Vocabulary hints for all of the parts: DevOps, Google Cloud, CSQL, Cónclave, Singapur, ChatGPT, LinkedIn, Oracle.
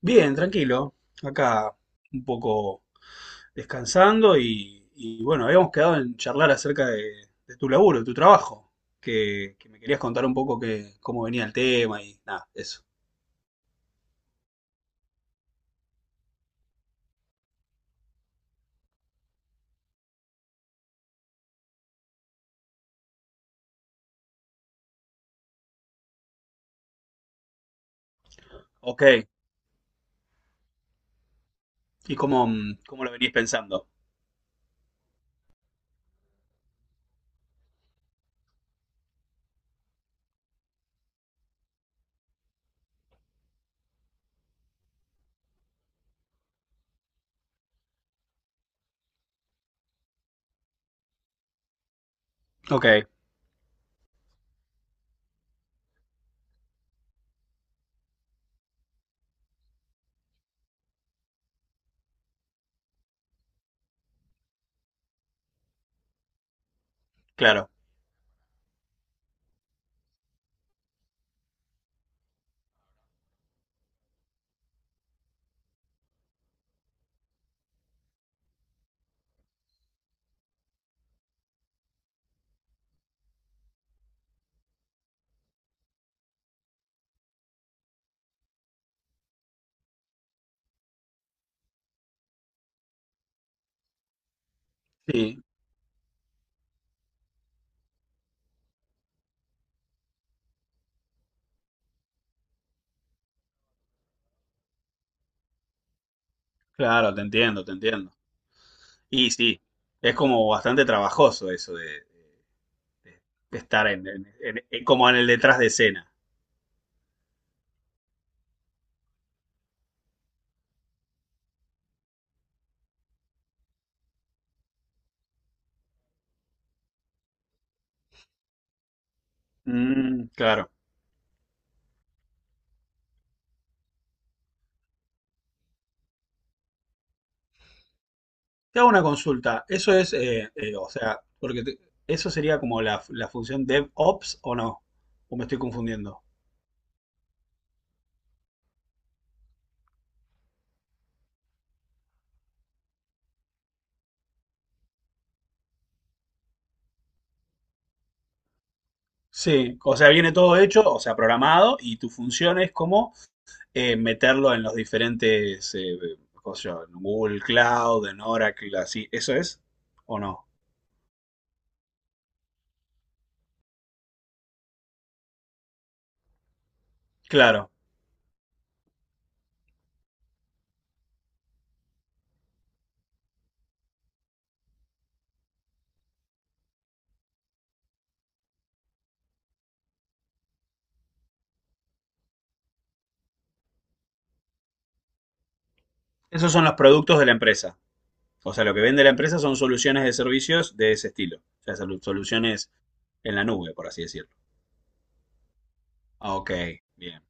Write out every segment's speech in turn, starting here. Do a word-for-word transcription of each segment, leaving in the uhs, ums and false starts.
Bien, tranquilo. Acá un poco descansando y, y, bueno, habíamos quedado en charlar acerca de, de tu laburo, de tu trabajo, que, que me querías contar un poco que, cómo venía el tema y nada, eso. Ok, y cómo, mm, cómo lo venís pensando. Ok, claro. Sí, claro, te entiendo, te entiendo. Y sí, es como bastante trabajoso eso de, de estar en, en- en- en- como en el detrás de escena. Mm, claro. Te hago una consulta. Eso es, eh, eh, o sea, porque te- eso sería como la, la función DevOps o no. O me estoy confundiendo. Sí, o sea, viene todo hecho, o sea, programado y tu función es como eh, meterlo en los diferentes, eh, cómo se llama, en Google Cloud, en Oracle, así. ¿Eso es o no? Claro. Esos son los productos de la empresa. O sea, lo que vende la empresa son soluciones de servicios de ese estilo. O sea, solu- soluciones en la nube, por así decirlo. Ah, ok, bien.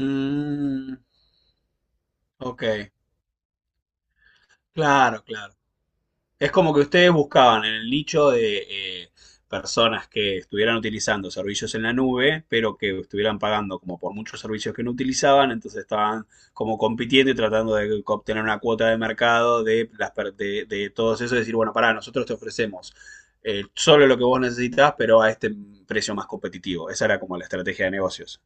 Mm, ok, claro, claro. Es como que ustedes buscaban en el nicho de eh, personas que estuvieran utilizando servicios en la nube, pero que estuvieran pagando como por muchos servicios que no utilizaban, entonces estaban como compitiendo y tratando de obtener una cuota de mercado de, las, per- de, de todos esos, decir, bueno, pará, nosotros te ofrecemos eh, solo lo que vos necesitas, pero a este precio más competitivo. Esa era como la estrategia de negocios.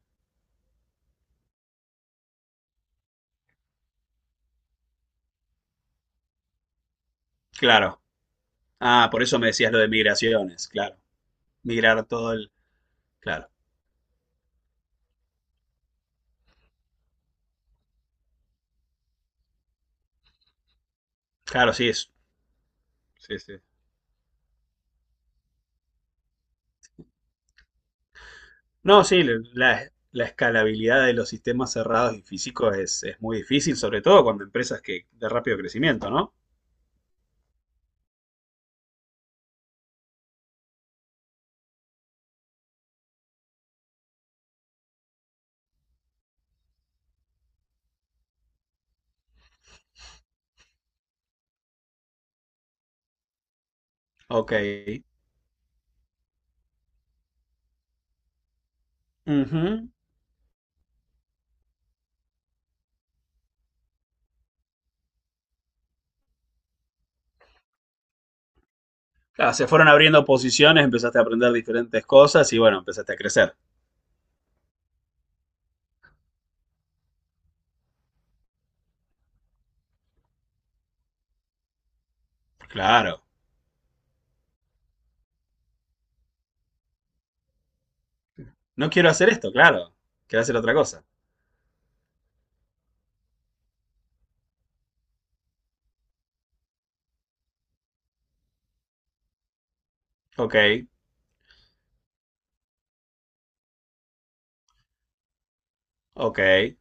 Claro. Ah, por eso me decías lo de migraciones, claro. Migrar todo el... Claro. Claro, sí, es. Sí, sí. No, sí, le- la, la escalabilidad de los sistemas cerrados y físicos es, es muy difícil, sobre todo cuando empresas que de rápido crecimiento, ¿no? Ok. Ujú. Claro, se fueron abriendo posiciones, empezaste a aprender diferentes cosas y bueno, empezaste a crecer. Claro. No quiero hacer esto, claro. Quiero hacer otra cosa. Ok, ok.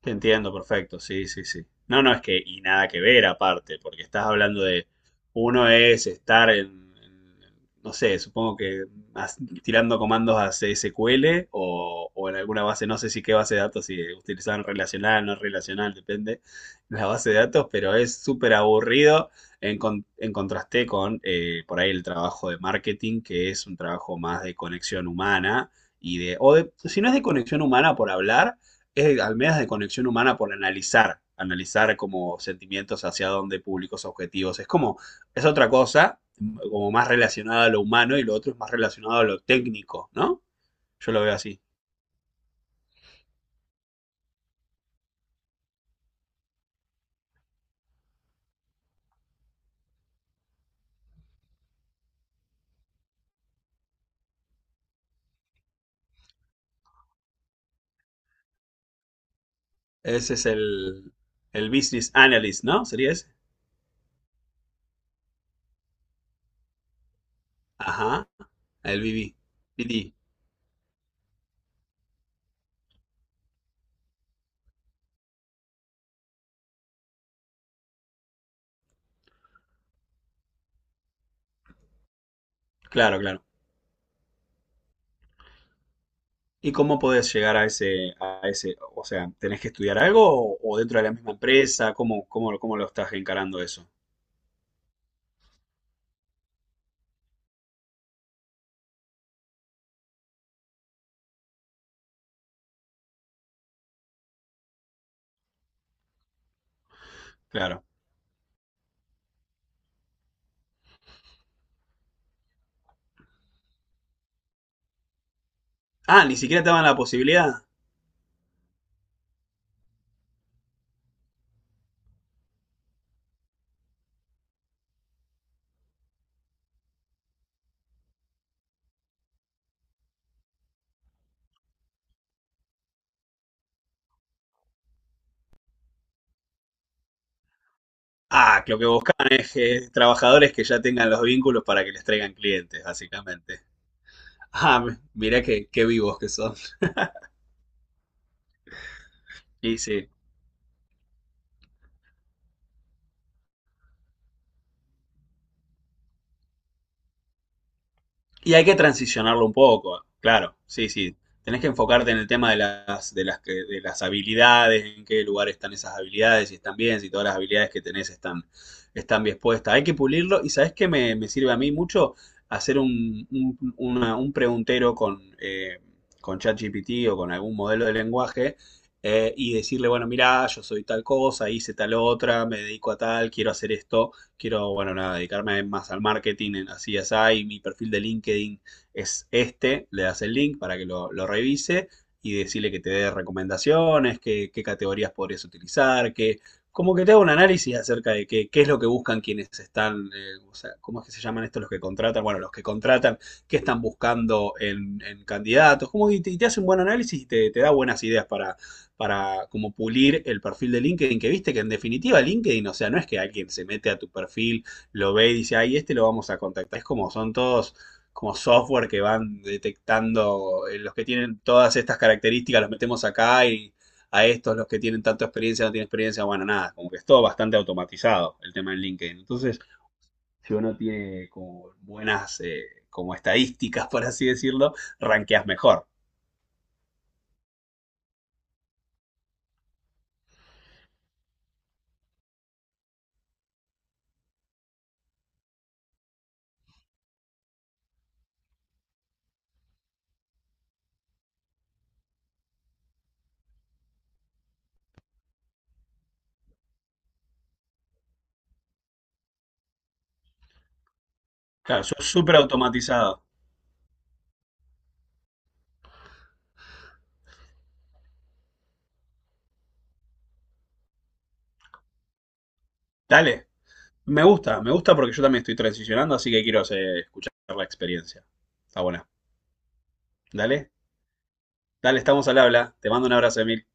Te entiendo, perfecto, sí, sí, sí. No, no, es que, y nada que ver aparte, porque estás hablando de, uno es estar en, en- no sé, supongo que as- tirando comandos a C S Q L o, o en alguna base, no sé si qué base de datos, si utilizaban relacional, no relacional, depende la base de datos, pero es súper aburrido en, con- en contraste con eh, por ahí el trabajo de marketing, que es un trabajo más de conexión humana y de, o de, si no es de conexión humana por hablar es al menos de conexión humana por analizar, analizar como sentimientos hacia dónde, públicos, objetivos. Es como, es otra cosa, como más relacionada a lo humano y lo otro es más relacionado a lo técnico, ¿no? Yo lo veo así. Ese es el, el Business Analyst, ¿no? ¿Sería ese? Ajá, el B B. B D, claro, claro. ¿Y cómo podés llegar a ese, a ese, o sea, tenés que estudiar algo o, o dentro de la misma empresa? ¿Cómo, cómo, cómo lo estás encarando eso? Claro. Ah, ni siquiera te daban la posibilidad. Ah, que lo que buscan es eh, trabajadores que ya tengan los vínculos para que les traigan clientes, básicamente. Ah, mi- mirá qué, qué vivos que son. Y sí. Y hay que transicionarlo un poco, claro, sí, sí. Tenés que enfocarte en el tema de las, de las, que- de las habilidades, en qué lugar están esas habilidades, si están bien, si todas las habilidades que tenés están, están bien puestas. Hay que pulirlo y ¿sabés qué me, me sirve a mí mucho? Hacer un, un- una- un preguntero con, eh, con ChatGPT o con algún modelo de lenguaje eh, y decirle, bueno, mirá, yo soy tal cosa, hice tal otra, me dedico a tal, quiero hacer esto quiero, bueno, nada, dedicarme más al marketing, en, así es ahí, mi perfil de LinkedIn es este, le das el link para que lo, lo revise y decirle que te dé recomendaciones, qué, qué categorías podrías utilizar, que como que te haga un análisis acerca de qué, qué es lo que buscan quienes están, eh, o sea, cómo es que se llaman estos los que contratan, bueno, los que contratan, qué están buscando en, en candidatos, como que te, te hace un buen análisis y te, te da buenas ideas para, para como pulir el perfil de LinkedIn, que viste que en definitiva LinkedIn, o sea, no es que alguien se mete a tu perfil, lo ve y dice, ay, este lo vamos a contactar. Es como son todos como software que van detectando eh, los que tienen todas estas características, los metemos acá y a estos, los que tienen tanta experiencia, no tienen experiencia, bueno, nada, como que es todo bastante automatizado el tema en LinkedIn. Entonces, si uno tiene como buenas eh, como estadísticas, por así decirlo, ranqueas mejor. Claro, sos súper automatizado. Dale. Me gusta, me gusta porque yo también estoy transicionando, así que quiero hacer- escuchar la experiencia. Está buena. Dale, dale, estamos al habla. Te mando un abrazo, Emil.